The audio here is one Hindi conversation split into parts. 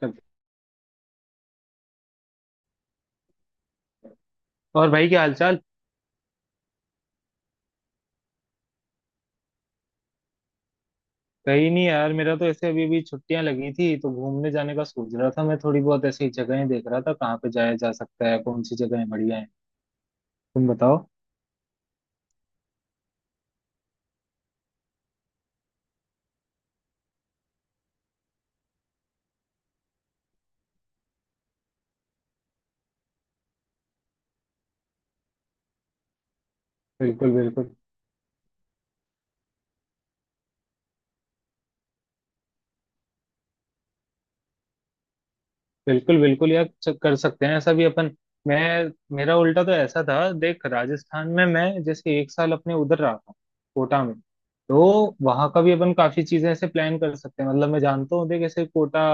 कब- और भाई, क्या हालचाल। कहीं नहीं यार, मेरा तो ऐसे अभी अभी छुट्टियां लगी थी तो घूमने जाने का सोच रहा था। मैं थोड़ी बहुत ऐसी जगहें देख रहा था कहाँ पे जाया जा सकता है, कौन सी जगहें बढ़िया हैं। तुम बताओ। बिल्कुल बिल्कुल। बिल्कुल बिल्कुल यार, कर सकते हैं ऐसा भी अपन। मैं मेरा उल्टा तो ऐसा था। देख, राजस्थान में मैं जैसे एक साल अपने उधर रहा था, कोटा में। तो वहां का भी अपन काफी चीजें ऐसे प्लान कर सकते हैं। मतलब मैं जानता हूँ, देख ऐसे, कोटा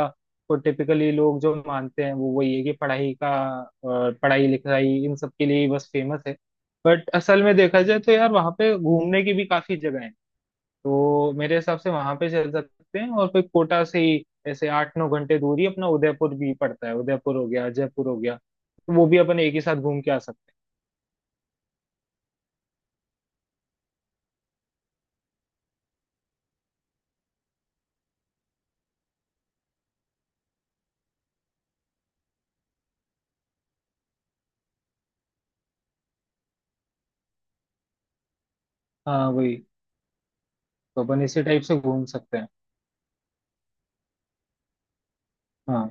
को टिपिकली लोग जो मानते हैं वो वही है कि पढ़ाई का, अ, पढ़ाई लिखाई इन सब के लिए ही बस फेमस है। बट असल में देखा जाए तो यार, वहाँ पे घूमने की भी काफी जगह है। तो मेरे हिसाब से वहां पे चल सकते हैं, और फिर कोटा से ही ऐसे 8-9 घंटे दूर ही अपना उदयपुर भी पड़ता है। उदयपुर हो गया, जयपुर हो गया, तो वो भी अपन एक ही साथ घूम के आ सकते हैं। हाँ वही, तो अपन इसी टाइप से घूम सकते हैं। हाँ,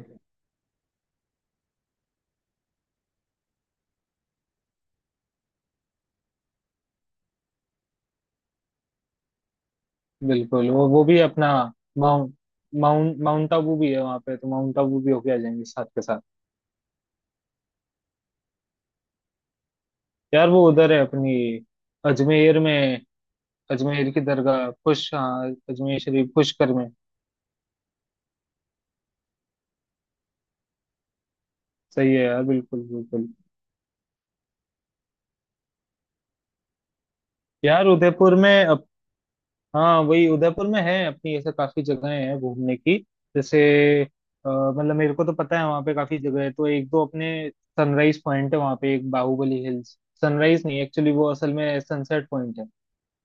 बिल्कुल, और वो भी अपना माउंट माउंट माउंट आबू भी है वहाँ पे। तो माउंट आबू भी होके आ जाएंगे साथ के साथ। यार वो उधर है अपनी, अजमेर में। अजमेर की दरगाह खुश हाँ, अजमेर शरीफ, पुष्कर में। सही है यार, बिल्कुल बिल्कुल। यार उदयपुर में, हाँ वही, उदयपुर में है अपनी ऐसे काफी जगहें हैं घूमने की। जैसे, मतलब मेरे को तो पता है वहाँ पे काफी जगह है। तो एक दो अपने, सनराइज पॉइंट है वहाँ पे एक, बाहुबली हिल्स। सनराइज नहीं, एक्चुअली वो असल में सनसेट पॉइंट है।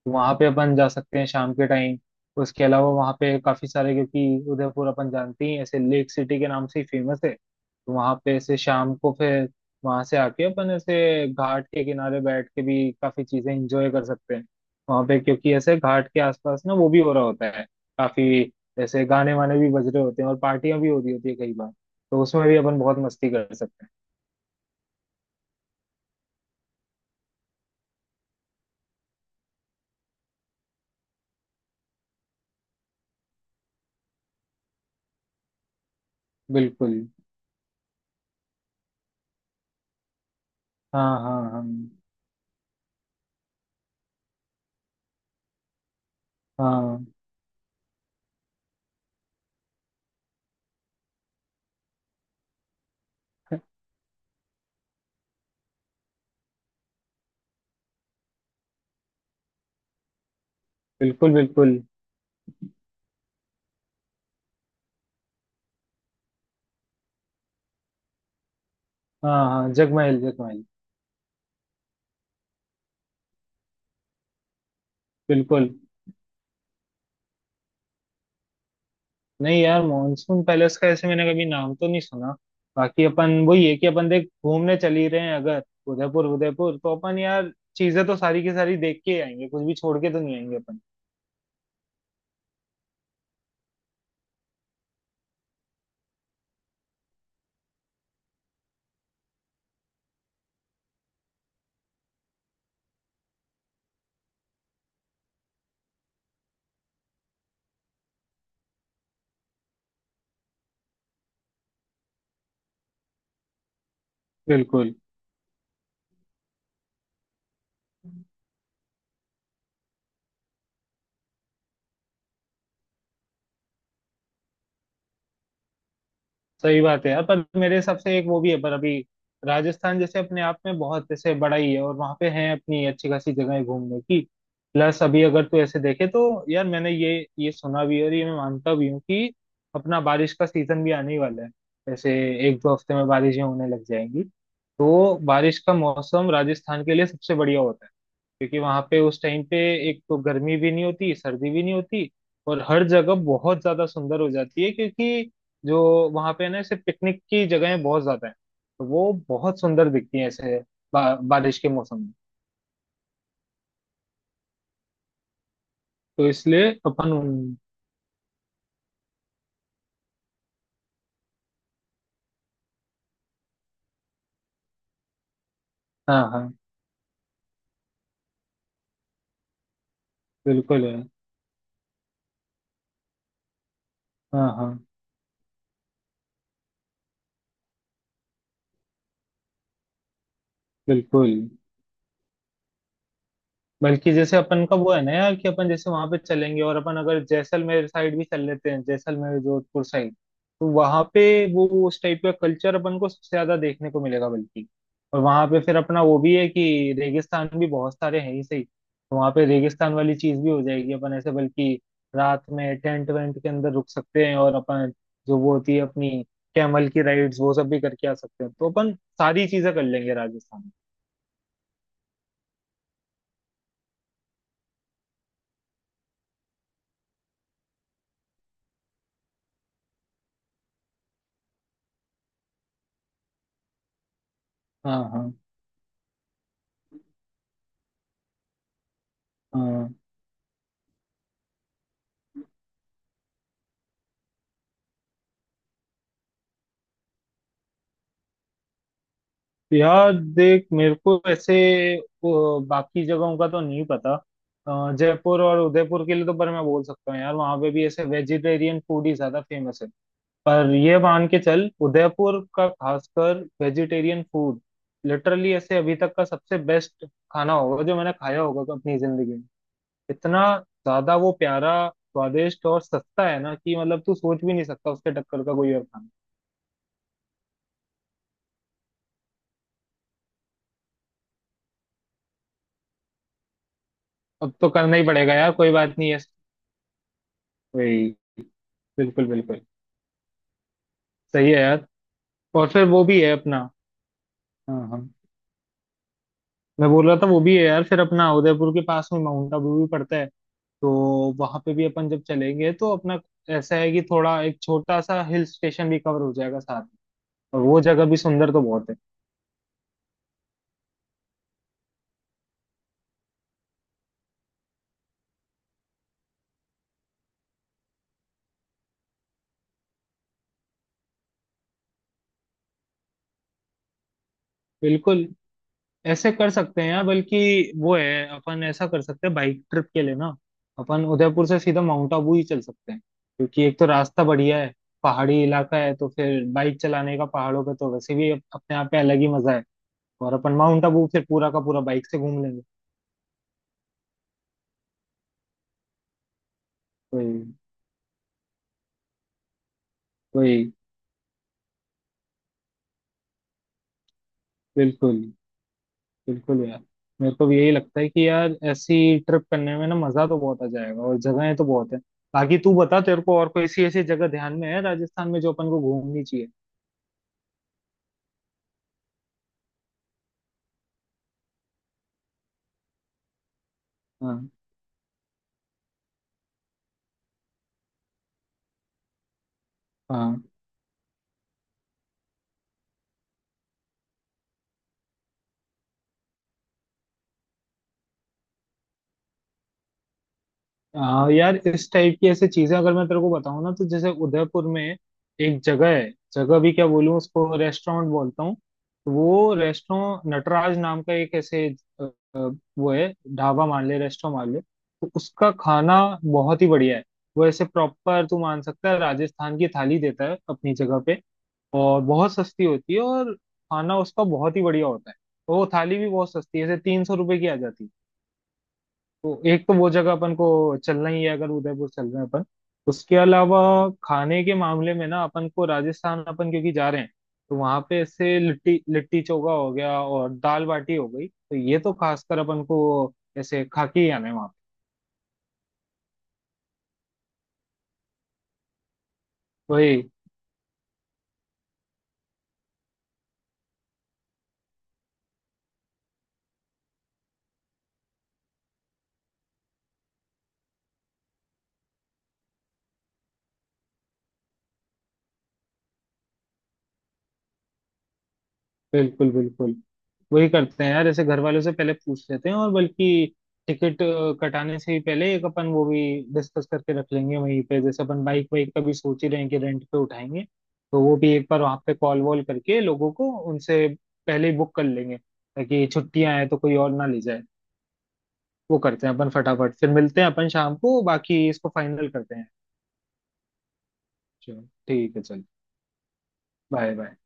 वहां पे अपन जा सकते हैं शाम के टाइम। उसके अलावा वहां पे काफी सारे, क्योंकि उदयपुर अपन जानते ही हैं, ऐसे लेक सिटी के नाम से ही फेमस है। तो वहां पे ऐसे शाम को फिर वहां से आके अपन ऐसे घाट के किनारे बैठ के भी काफी चीजें इंजॉय कर सकते हैं वहां पे, क्योंकि ऐसे घाट के आसपास ना वो भी हो रहा होता है काफी। ऐसे गाने वाने भी बज रहे होते हैं और पार्टियां भी हो रही होती है कई बार। तो उसमें भी अपन बहुत मस्ती कर सकते हैं। बिल्कुल। हाँ हाँ हाँ, हाँ बिल्कुल बिल्कुल। हाँ हाँ, जगमहल जगमहल। बिल्कुल। नहीं यार, मॉनसून पैलेस का ऐसे मैंने कभी नाम तो नहीं सुना। बाकी अपन वही है कि अपन, देख, घूमने चल ही रहे हैं अगर। उदयपुर उदयपुर, तो अपन यार चीजें तो सारी की सारी देख के ही आएंगे, कुछ भी छोड़ के तो नहीं आएंगे अपन। बिल्कुल। सही बात है यार, पर मेरे हिसाब से एक वो भी है, पर अभी राजस्थान जैसे अपने आप में बहुत जैसे बड़ा ही है और वहां पे है अपनी अच्छी खासी जगह घूमने की। प्लस अभी अगर तू ऐसे देखे तो यार, मैंने ये सुना भी है और ये मैं मानता भी हूँ कि अपना बारिश का सीजन भी आने ही वाला है। जैसे 1-2 हफ्ते में बारिशें होने लग जाएंगी। तो बारिश का मौसम राजस्थान के लिए सबसे बढ़िया होता है। क्योंकि वहां पे उस टाइम पे एक तो गर्मी भी नहीं होती, सर्दी भी नहीं होती, और हर जगह बहुत ज्यादा सुंदर हो जाती है। क्योंकि जो वहां पे है ना ऐसे पिकनिक की जगहें बहुत ज्यादा हैं, तो वो बहुत सुंदर दिखती हैं ऐसे बारिश के मौसम में। तो इसलिए अपन हाँ हाँ, बिल्कुल है। हाँ हाँ, बिल्कुल। बल्कि जैसे अपन का वो है ना यार, कि अपन जैसे वहां पे चलेंगे और अपन अगर जैसलमेर साइड भी चल लेते हैं, जैसलमेर जोधपुर साइड, तो वहां पे वो उस टाइप का कल्चर अपन को सबसे ज्यादा देखने को मिलेगा। बल्कि, और वहां पे फिर अपना वो भी है कि रेगिस्तान भी बहुत सारे हैं ही सही, तो वहां पे रेगिस्तान वाली चीज भी हो जाएगी अपन ऐसे। बल्कि रात में टेंट वेंट के अंदर रुक सकते हैं और अपन जो वो होती है अपनी कैमल की राइड्स, वो सब भी करके आ सकते हैं। तो अपन सारी चीजें कर लेंगे राजस्थान में। हाँ हाँ हाँ। यार देख, मेरे को ऐसे बाकी जगहों का तो नहीं पता। जयपुर और उदयपुर के लिए तो, पर मैं बोल सकता हूँ यार वहाँ पे भी ऐसे वेजिटेरियन फूड ही ज्यादा फेमस है। पर ये मान के चल, उदयपुर का खासकर वेजिटेरियन फूड लिटरली ऐसे अभी तक का सबसे बेस्ट खाना होगा जो मैंने खाया होगा अपनी जिंदगी में। इतना ज्यादा वो प्यारा, स्वादिष्ट और सस्ता है ना कि मतलब तू सोच भी नहीं सकता उसके टक्कर का कोई और खाना। अब तो करना ही पड़ेगा यार, कोई बात नहीं है। वही, बिल्कुल बिल्कुल। सही है यार। और फिर वो भी है अपना, हाँ हाँ, मैं बोल रहा था वो भी है यार, फिर अपना उदयपुर के पास में माउंट आबू भी पड़ता है। तो वहां पे भी अपन जब चलेंगे तो अपना ऐसा है कि थोड़ा एक छोटा सा हिल स्टेशन भी कवर हो जाएगा साथ में, और वो जगह भी सुंदर तो बहुत है। बिल्कुल। ऐसे कर सकते हैं यार, बल्कि वो है अपन ऐसा कर सकते हैं बाइक ट्रिप के लिए ना। अपन उदयपुर से सीधा माउंट आबू ही चल सकते हैं, क्योंकि एक तो रास्ता बढ़िया है, पहाड़ी इलाका है। तो फिर बाइक चलाने का पहाड़ों पे तो वैसे भी अपने आप पे अलग ही मजा है। और अपन माउंट आबू फिर पूरा का पूरा बाइक से घूम लेंगे। वही। वही। बिल्कुल बिल्कुल यार, मेरे को भी यही लगता है कि यार ऐसी ट्रिप करने में ना मजा तो बहुत आ जाएगा और जगहें तो बहुत है। बाकी तू बता, तेरे को और कोई ऐसी ऐसी जगह ध्यान में है राजस्थान में जो अपन को घूमनी चाहिए। हाँ हाँ हाँ। यार इस टाइप की ऐसे चीजें अगर मैं तेरे को बताऊँ ना, तो जैसे उदयपुर में एक जगह है, जगह भी क्या बोलूँ उसको, रेस्टोरेंट बोलता हूँ। तो वो रेस्टोरेंट नटराज नाम का एक ऐसे, अ, अ, वो है, ढाबा मान ले रेस्टोरेंट मान ले, तो उसका खाना बहुत ही बढ़िया है। वो ऐसे प्रॉपर तू मान सकता है राजस्थान की थाली देता है अपनी जगह पे, और बहुत सस्ती होती है और खाना उसका बहुत ही बढ़िया होता है। तो वो थाली भी बहुत सस्ती है, ऐसे 300 रुपए की आ जाती है। तो एक तो वो जगह अपन को चलना ही है अगर उदयपुर चल रहे हैं अपन। उसके अलावा खाने के मामले में ना, अपन को राजस्थान अपन क्योंकि जा रहे हैं, तो वहां पे ऐसे लिट्टी लिट्टी चोखा हो गया और दाल बाटी हो गई, तो ये तो खासकर अपन को ऐसे खा के ही आना है वहां पे। वही। बिल्कुल बिल्कुल। वही करते हैं यार, जैसे घर वालों से पहले पूछ लेते हैं, और बल्कि टिकट कटाने से ही पहले एक अपन वो भी डिस्कस करके रख लेंगे वहीं पे, जैसे अपन बाइक वाइक का भी सोच ही रहे हैं कि रेंट पे उठाएंगे, तो वो भी एक बार वहाँ पे कॉल वॉल करके लोगों को उनसे पहले ही बुक कर लेंगे, ताकि छुट्टियां हैं तो कोई और ना ले जाए। वो करते हैं अपन फटाफट, फिर मिलते हैं अपन शाम को बाकी इसको फाइनल करते हैं। चलो, ठीक है चल, बाय बाय।